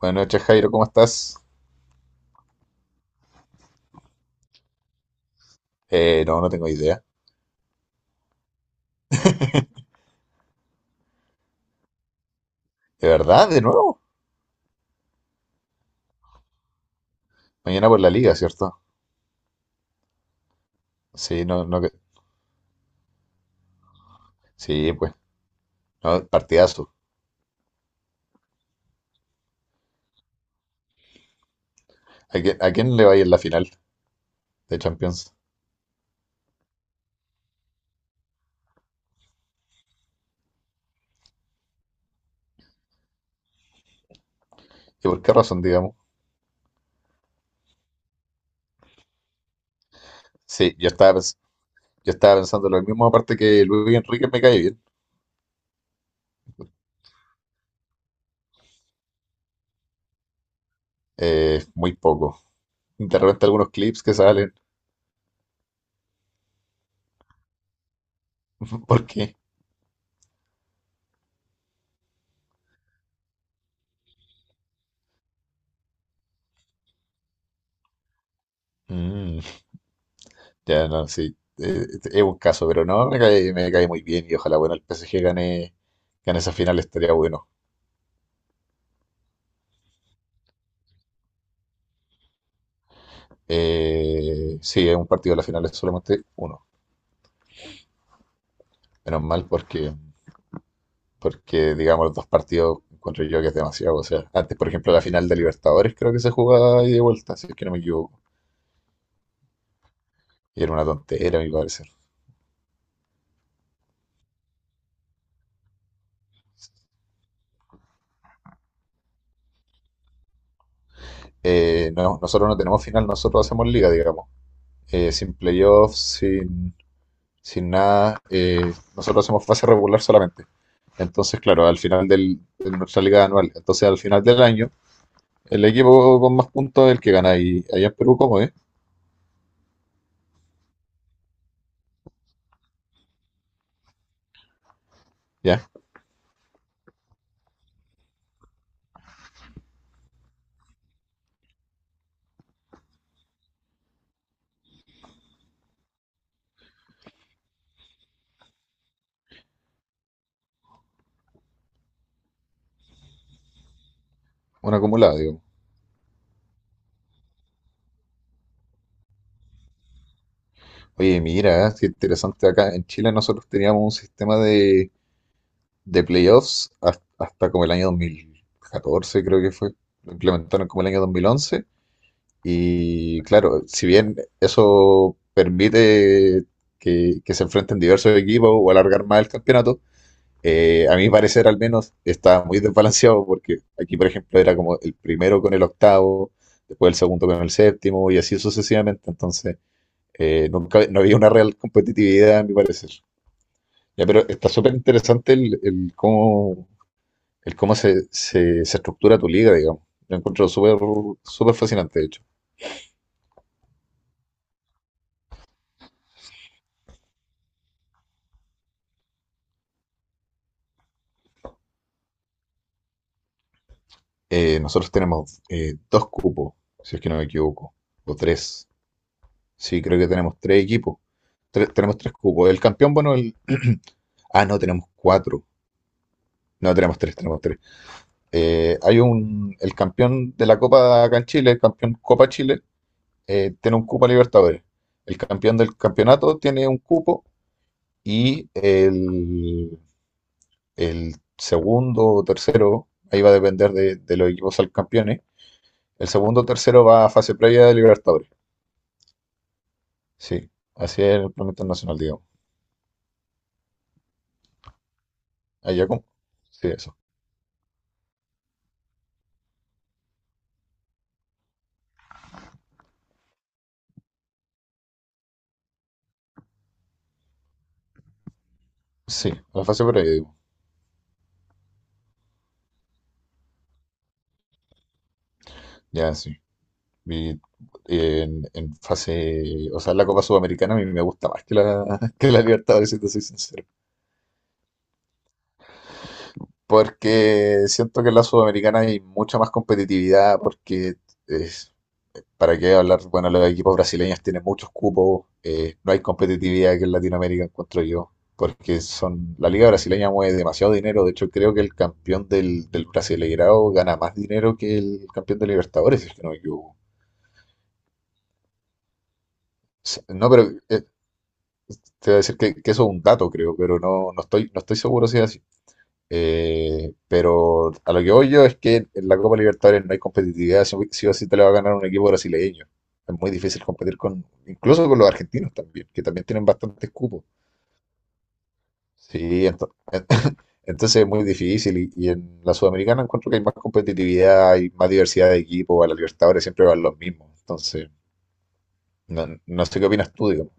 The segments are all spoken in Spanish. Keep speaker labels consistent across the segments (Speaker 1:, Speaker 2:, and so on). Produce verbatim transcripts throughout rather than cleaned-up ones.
Speaker 1: Buenas noches, Jairo, ¿cómo estás? Eh, no, no tengo idea. ¿De verdad? ¿De nuevo? Mañana por la liga, ¿cierto? Sí, no, no, que- sí, pues, no, partidazo. ¿A quién, a quién le va a ir en la final de Champions? ¿Y por qué razón, digamos? Sí, yo estaba, pens- yo estaba pensando lo mismo, aparte que Luis Enrique me cae bien. Eh, muy poco. De repente algunos clips que salen. ¿Por qué? Mm, ya, no, sí. Eh, es un caso, pero no, me cae, me cae muy bien y ojalá, bueno, el P S G gane, gane esa final, estaría bueno. Eh, sí, es un partido, la final es solamente uno. Menos mal porque, porque, digamos, los dos partidos encuentro yo que es demasiado. O sea, antes, por ejemplo, la final de Libertadores creo que se jugaba ida y de vuelta, si es que no me equivoco. Y era una tontera, a mi parecer. Eh, no, nosotros no tenemos final, nosotros hacemos liga, digamos. Eh, sin playoffs, sin, sin nada. Eh, nosotros hacemos fase regular solamente. Entonces, claro, al final del, de nuestra liga anual, entonces al final del año, el equipo con más puntos es el que gana. Y allá en Perú, ¿cómo es? Ya. Una acumulada, digo. Oye, mira, qué interesante. Acá en Chile nosotros teníamos un sistema de, de playoffs has- hasta, como el año dos mil catorce creo que fue. Lo implementaron como el año dos mil once. Y claro, si bien eso permite que, que se enfrenten diversos equipos o alargar más el campeonato, eh, a mi parecer al menos estaba muy desbalanceado porque aquí, por ejemplo, era como el primero con el octavo, después el segundo con el séptimo y así sucesivamente. Entonces, Eh, nunca, no había una real competitividad, a mi parecer. Ya, pero está súper interesante el, el cómo, el cómo se, se, se estructura tu liga, digamos. Lo encuentro súper súper fascinante, de hecho. Eh, nosotros tenemos eh, dos cupos, si es que no me equivoco, o tres. Sí, creo que tenemos tres equipos. Tres- tenemos tres cupos. El campeón, bueno, el... Ah, no, tenemos cuatro. No, tenemos tres, tenemos tres. Eh, hay un... El campeón de la Copa acá en Chile, el campeón Copa Chile, eh, tiene un cupo a Libertadores. El campeón del campeonato tiene un cupo y el, el segundo o tercero, ahí va a depender de, de los equipos al campeones, el segundo o tercero va a fase previa de Libertadores. Sí, así es el plan internacional, digamos. Allá como. Sí, eso. Sí, a la fase previa, digo. Ya, sí. Y en, en fase, o sea, la Copa Sudamericana a mí me gusta más que la, que la Libertadores, si te soy sincero. Porque siento que en la Sudamericana hay mucha más competitividad, porque es- para qué hablar, bueno, los equipos brasileños tienen muchos cupos, eh, no hay competitividad que en Latinoamérica encuentro yo, porque son, la liga brasileña mueve demasiado dinero, de hecho creo que el campeón del, del Brasileirao gana más dinero que el campeón de Libertadores, si es que no me equivoco. S- No, pero eh, te voy a decir que, que eso es un dato, creo, pero no, no estoy, no estoy seguro si es así. Eh, pero a lo que voy yo es que en la Copa Libertadores no hay competitividad, si si o sí te la va a ganar un equipo brasileño. Es muy difícil competir con, incluso con los argentinos también, que también tienen bastantes cupos. Sí, ento- entonces es muy difícil. Y, y en la Sudamericana encuentro que hay más competitividad, hay más diversidad de equipos, a la Libertadores siempre van los mismos. Entonces, no, no sé qué opinas tú, digamos.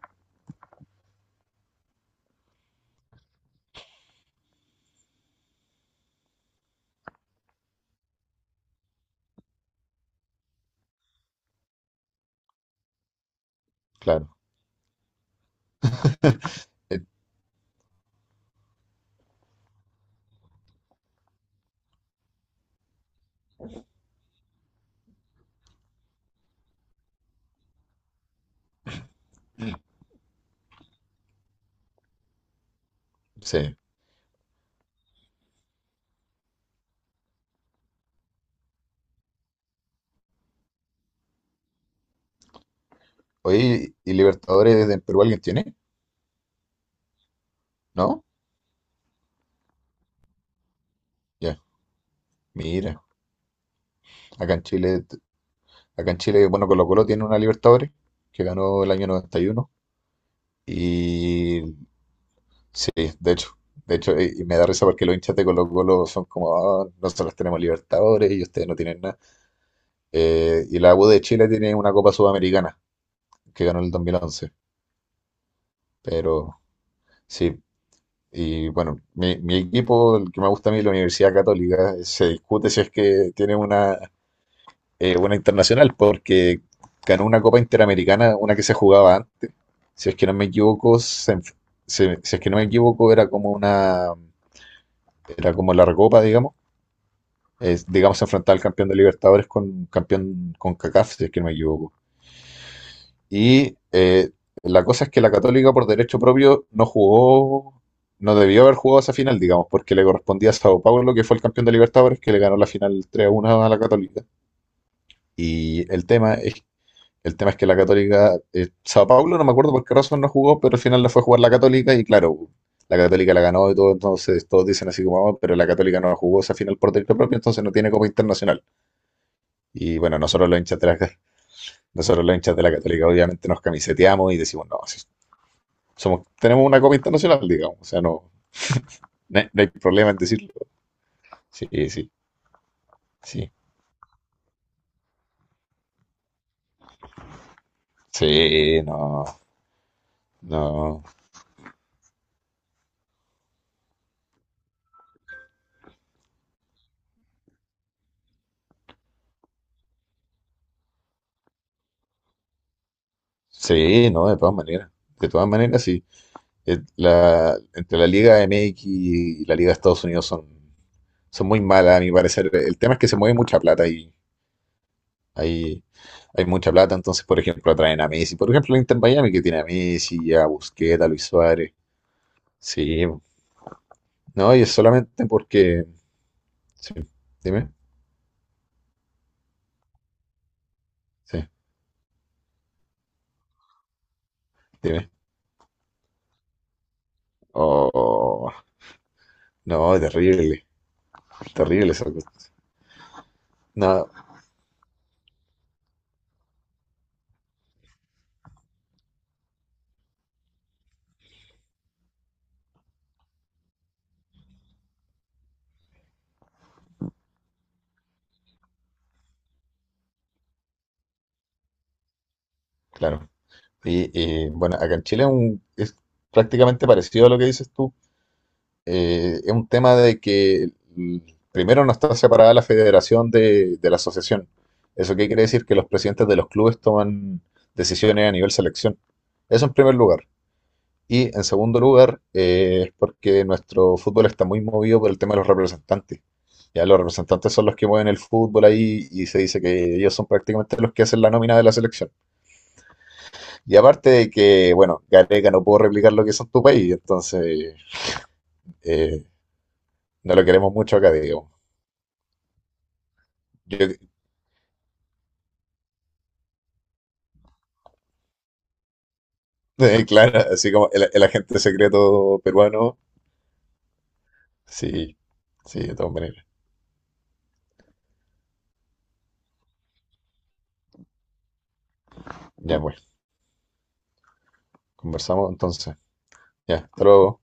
Speaker 1: Claro. Eh, sí. Oye, ¿y Libertadores en Perú alguien tiene? ¿No? Ya, mira. Acá en Chile Acá en Chile, bueno, Colo Colo tiene una Libertadores que ganó el año noventa y uno, y sí, de hecho, de hecho, y y me da risa porque los hinchas de Colo Colo son como, "Ah, nosotros tenemos Libertadores y ustedes no tienen nada." Eh, y la U de Chile tiene una Copa Sudamericana que ganó en el dos mil once. Pero sí, y bueno, mi, mi equipo, el que me gusta a mí, la Universidad Católica, se discute si es que tiene una. Eh, una internacional, porque ganó una Copa Interamericana, una que se jugaba antes. Si es que no me equivoco, se enf- se- Si es que no me equivoco, era como una, era como la recopa, digamos. Es, digamos, se enfrentaba al campeón de Libertadores con campeón con C A C A F, si es que no me equivoco. Y eh, la cosa es que la Católica, por derecho propio, no jugó, no debió haber jugado esa final, digamos, porque le correspondía a Sao Paulo, que fue el campeón de Libertadores, que le ganó la final tres a uno a la Católica. Y el tema es El tema es que la Católica, eh, Sao Paulo, no me acuerdo por qué razón no jugó, pero al final la fue a jugar la Católica y claro, la Católica la ganó y todo, entonces todos dicen así como, "Ah, pero la Católica no jugó esa final por derecho propio, entonces no tiene Copa Internacional." Y bueno, nosotros los hinchas de la, nosotros los hinchas de la Católica obviamente nos camiseteamos y decimos, no, si somos, tenemos una Copa Internacional, digamos, o sea, no, no hay no hay problema en decirlo. Sí, sí, sí, sí, no, no, sí, no, de todas maneras, de todas maneras, sí. El- la- entre la Liga M X y la Liga de Estados Unidos son, son muy malas, a mi parecer. El tema es que se mueve mucha plata y hay, hay mucha plata. Entonces, por ejemplo, atraen a Messi. Por ejemplo, el Inter Miami que tiene a Messi, a Busquets, a Luis Suárez. Sí, no, y es solamente porque. Sí, dime, sí, dime. Oh, no, terrible, terrible esa cosa. No, claro. Y, y, bueno, acá en Chile es un- es prácticamente parecido a lo que dices tú. Eh, es un tema de que mm, primero no está separada la federación de, de la asociación. ¿Eso qué quiere decir? Que los presidentes de los clubes toman decisiones a nivel selección. Eso en primer lugar. Y en segundo lugar, eh, es porque nuestro fútbol está muy movido por el tema de los representantes. Ya los representantes son los que mueven el fútbol ahí y se dice que ellos son prácticamente los que hacen la nómina de la selección. Y aparte de que, bueno, Gareca no puedo replicar lo que hizo en tu país, entonces eh, no lo queremos mucho acá, digamos. Yo Eh, Claro, así como el, el agente secreto peruano. Sí, sí, de todas maneras. Ya pues, conversamos entonces. Ya, hasta luego.